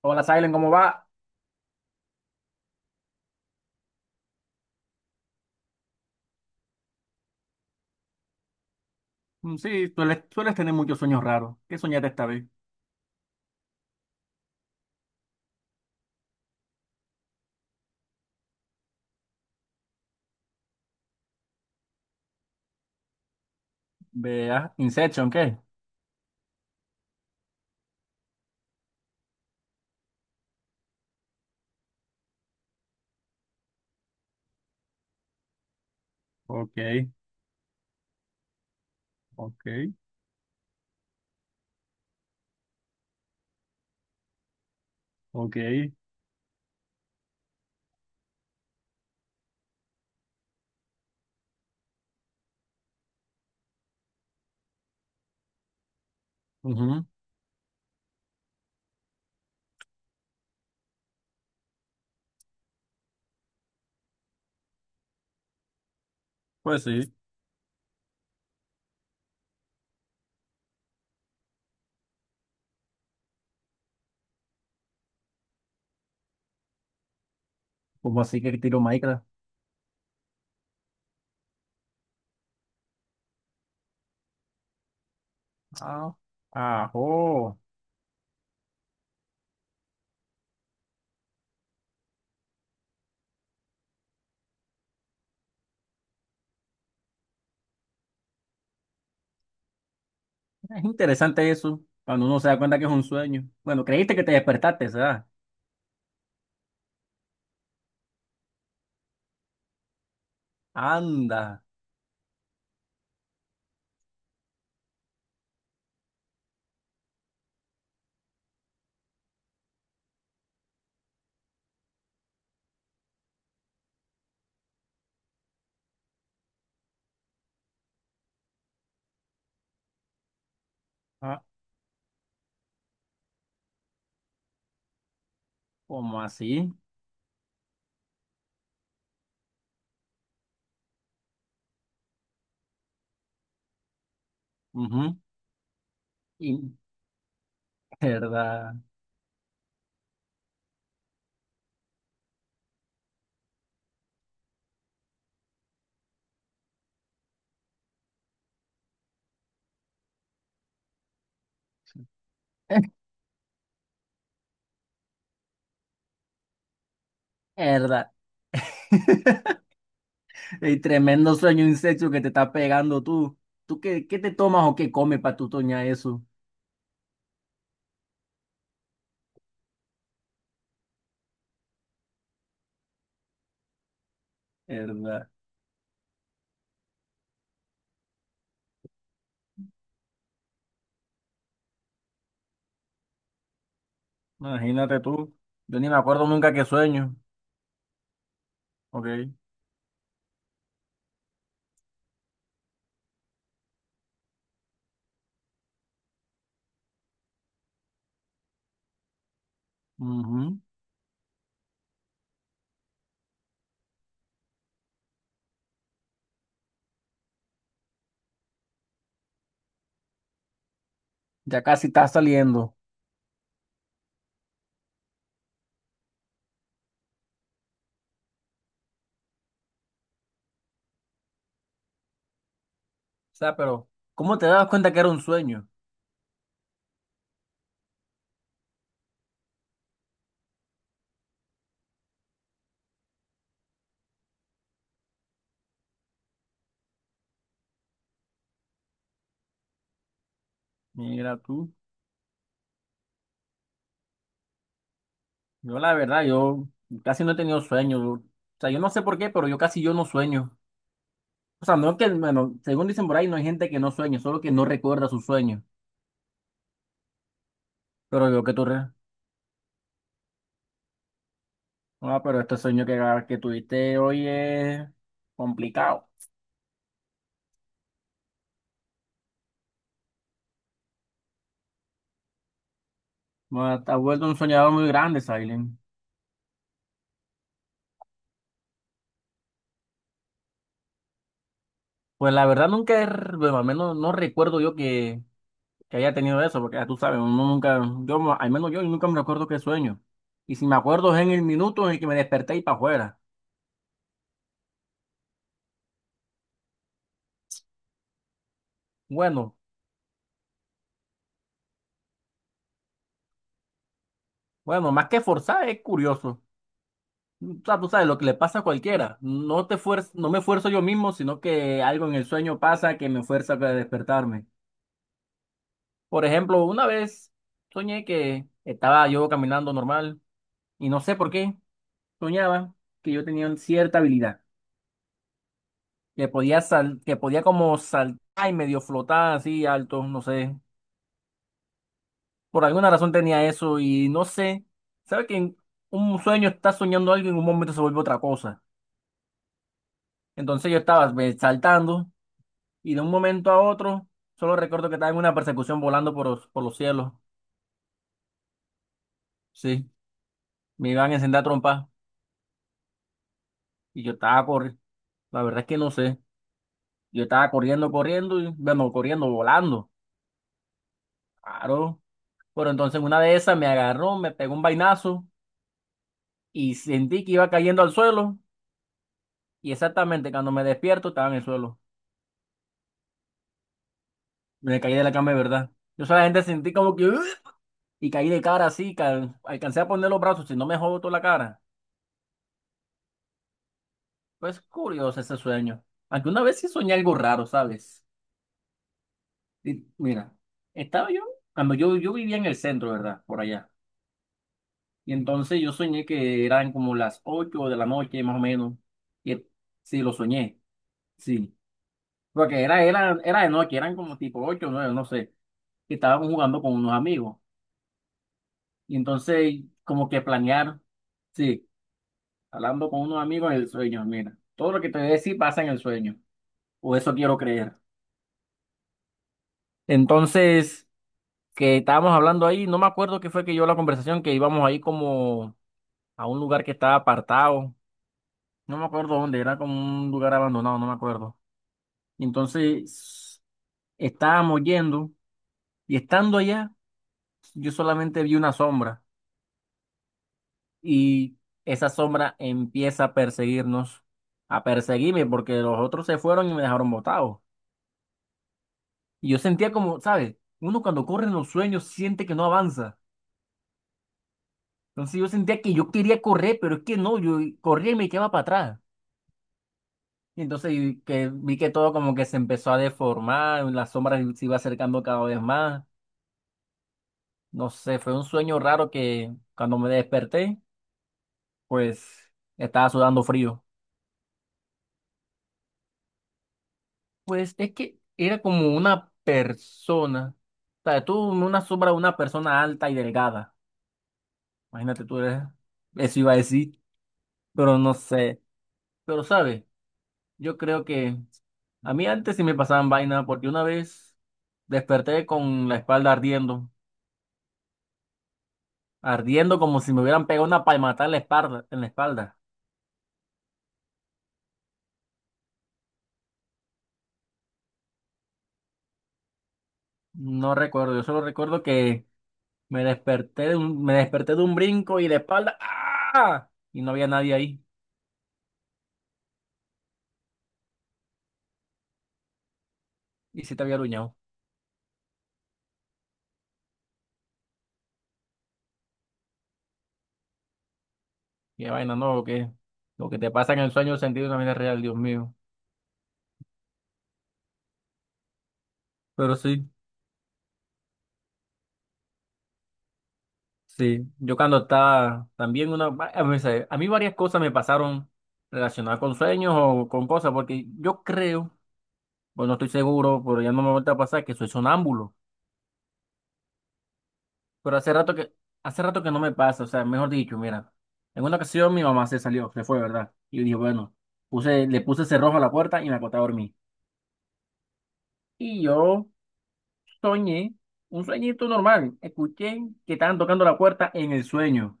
Hola, Silent, ¿cómo va? Sí, sueles tener muchos sueños raros. ¿Qué soñaste esta vez? Vea, Inception, ¿qué? Ok, ok, ok. Ujú. Pues sí. ¿Cómo así que tiro Minecraft? Ah, ajo. Es interesante eso, cuando uno se da cuenta que es un sueño. Bueno, creíste que te despertaste, ¿sabes? Anda. Ah, ¿cómo así? Ujú, y- ¿Verdad? ¿Verdad? Y tremendo sueño insecto que te está pegando tú. ¿Tú qué te tomas o qué comes para tú soñar eso? ¿Verdad? Imagínate tú. Yo ni me acuerdo nunca qué sueño. Ok. Ujú. Ya casi está saliendo. O sea, pero ¿cómo te das cuenta que era un sueño? Mira tú. Yo la verdad, yo casi no he tenido sueños. O sea, yo no sé por qué, pero yo casi yo no sueño. O sea, no es que, bueno, según dicen por ahí, no hay gente que no sueña, solo que no recuerda sus sueños. Pero yo que tú, ah, pero este sueño que tuviste hoy es complicado. Bueno, te has vuelto un soñador muy grande, Silent. Pues la verdad nunca, bueno, al menos no recuerdo yo que haya tenido eso, porque ya tú sabes, uno nunca, al menos yo nunca me recuerdo qué sueño. Y si me acuerdo es en el minuto en el que me desperté y para afuera. Bueno, bueno, más que forzar es curioso. O sea, tú sabes lo que le pasa a cualquiera. No no me esfuerzo yo mismo, sino que algo en el sueño pasa que me fuerza a despertarme. Por ejemplo, una vez soñé que estaba yo caminando normal y no sé por qué soñaba que yo tenía cierta habilidad, que que podía como saltar y medio flotar así alto, no sé. Por alguna razón tenía eso y no sé. ¿Sabes que en un sueño estás soñando algo y en un momento se vuelve otra cosa? Entonces yo estaba ve, saltando y de un momento a otro solo recuerdo que estaba en una persecución volando por los cielos. Sí, me iban a encender a trompa y yo estaba corriendo. La verdad es que no sé. Yo estaba corriendo, corriendo, y, bueno, corriendo, volando. Claro. Pero entonces en una de esas me agarró, me pegó un vainazo y sentí que iba cayendo al suelo. Y exactamente cuando me despierto estaba en el suelo. Me caí de la cama de verdad. Yo solamente sentí como que... "Ugh". Y caí de cara así, alcancé a poner los brazos y no me jodó toda la cara. Pues curioso ese sueño. Aunque una vez sí soñé algo raro, ¿sabes? Y, mira, estaba yo, cuando yo vivía en el centro, ¿verdad? Por allá. Y entonces yo soñé que eran como las 8 de la noche, más o menos. Y, sí, lo soñé, sí. Porque era de noche, eran como tipo ocho o 9, no sé. Y estábamos jugando con unos amigos. Y entonces, como que planear, sí, hablando con unos amigos en el sueño, mira. Todo lo que te voy a decir pasa en el sueño. O eso quiero creer. Entonces, que estábamos hablando ahí, no me acuerdo qué fue que yo la conversación, que íbamos ahí como a un lugar que estaba apartado. No me acuerdo dónde, era como un lugar abandonado, no me acuerdo. Entonces estábamos yendo y estando allá, yo solamente vi una sombra y esa sombra empieza a perseguirnos, a perseguirme porque los otros se fueron y me dejaron botado. Y yo sentía como, ¿sabes? Uno cuando corre en los sueños siente que no avanza. Entonces yo sentía que yo quería correr, pero es que no, yo corría y me quedaba para atrás. Y entonces y que vi que todo como que se empezó a deformar, la sombra se iba acercando cada vez más. No sé, fue un sueño raro que cuando me desperté pues estaba sudando frío. Pues es que era como una persona, o sea, tú una sombra de una persona alta y delgada. Imagínate tú eres, eso iba a decir, pero no sé. Pero sabes, yo creo que a mí antes sí me pasaban vaina porque una vez desperté con la espalda ardiendo, ardiendo como si me hubieran pegado una palmata en en la espalda. No recuerdo, yo solo recuerdo que me desperté me desperté de un brinco y de espalda. ¡Ah! Y no había nadie ahí. Y sí te había aruñado. Qué vaina, no, lo que te pasa en el sueño sentido en la vida real, Dios mío. Pero sí, sí. Yo cuando estaba también a mí, a mí varias cosas me pasaron relacionadas con sueños o con cosas, porque yo creo, pues no estoy seguro, pero ya no me vuelve a pasar que soy sonámbulo. Pero hace rato que no me pasa, o sea, mejor dicho, mira, en una ocasión mi mamá se salió, se fue, ¿verdad? Y yo dije, bueno, le puse cerrojo a la puerta y me acosté a dormir. Y yo soñé, un sueñito normal, escuché que estaban tocando la puerta en el sueño.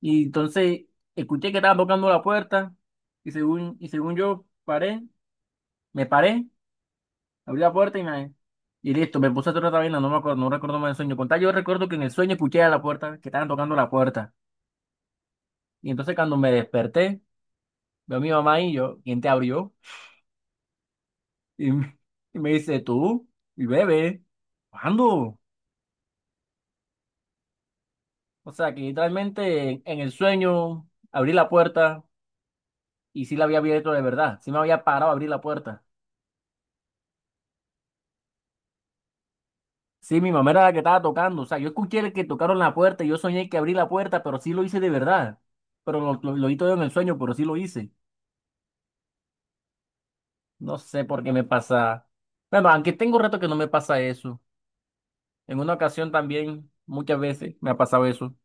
Y entonces escuché que estaban tocando la puerta y según yo me paré, abrí la puerta y me... Y listo, me puse a hacer otra vaina, no me acuerdo, no recuerdo más el sueño. Con tal, yo recuerdo que en el sueño escuché a la puerta, que estaban tocando la puerta. Y entonces cuando me desperté, veo a mi mamá y yo, ¿quién te abrió? Y, me y me dice, tú, y bebé, ¿cuándo? O sea, que literalmente en el sueño abrí la puerta y sí la había abierto de verdad, sí me había parado a abrir la puerta. Sí, mi mamá era la que estaba tocando, o sea, yo escuché el que tocaron la puerta y yo soñé que abrí la puerta, pero sí lo hice de verdad. Pero lo hice todo en el sueño, pero sí lo hice. No sé por qué me pasa. Bueno, aunque tengo rato que no me pasa eso. En una ocasión también, muchas veces me ha pasado eso,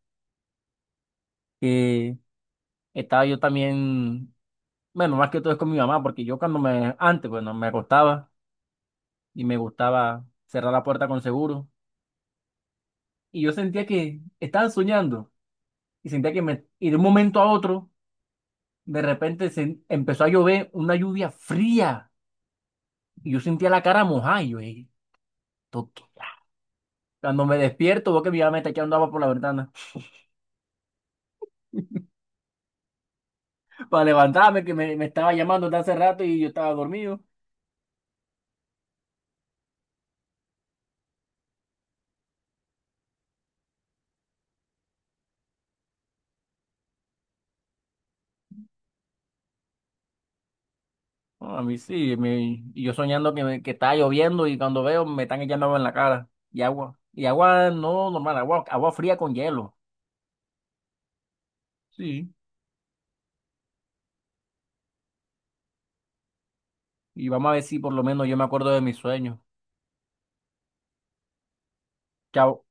que estaba yo también, bueno, más que todo es con mi mamá, porque antes, bueno, me acostaba y me gustaba cerrar la puerta con seguro, y yo sentía que estaba soñando, y de un momento a otro, de repente se empezó a llover una lluvia fría, y yo sentía la cara mojada, y yo, "Ey, esto qué". Cuando me despierto, veo que mi mamá me está echando agua por la ventana, para levantarme, me estaba llamando desde hace rato y yo estaba dormido. No, a mí sí, y yo soñando que está lloviendo y cuando veo me están echando agua en la cara y agua. Y agua no normal, agua fría con hielo. Sí. Y vamos a ver si por lo menos yo me acuerdo de mis sueños. Chao.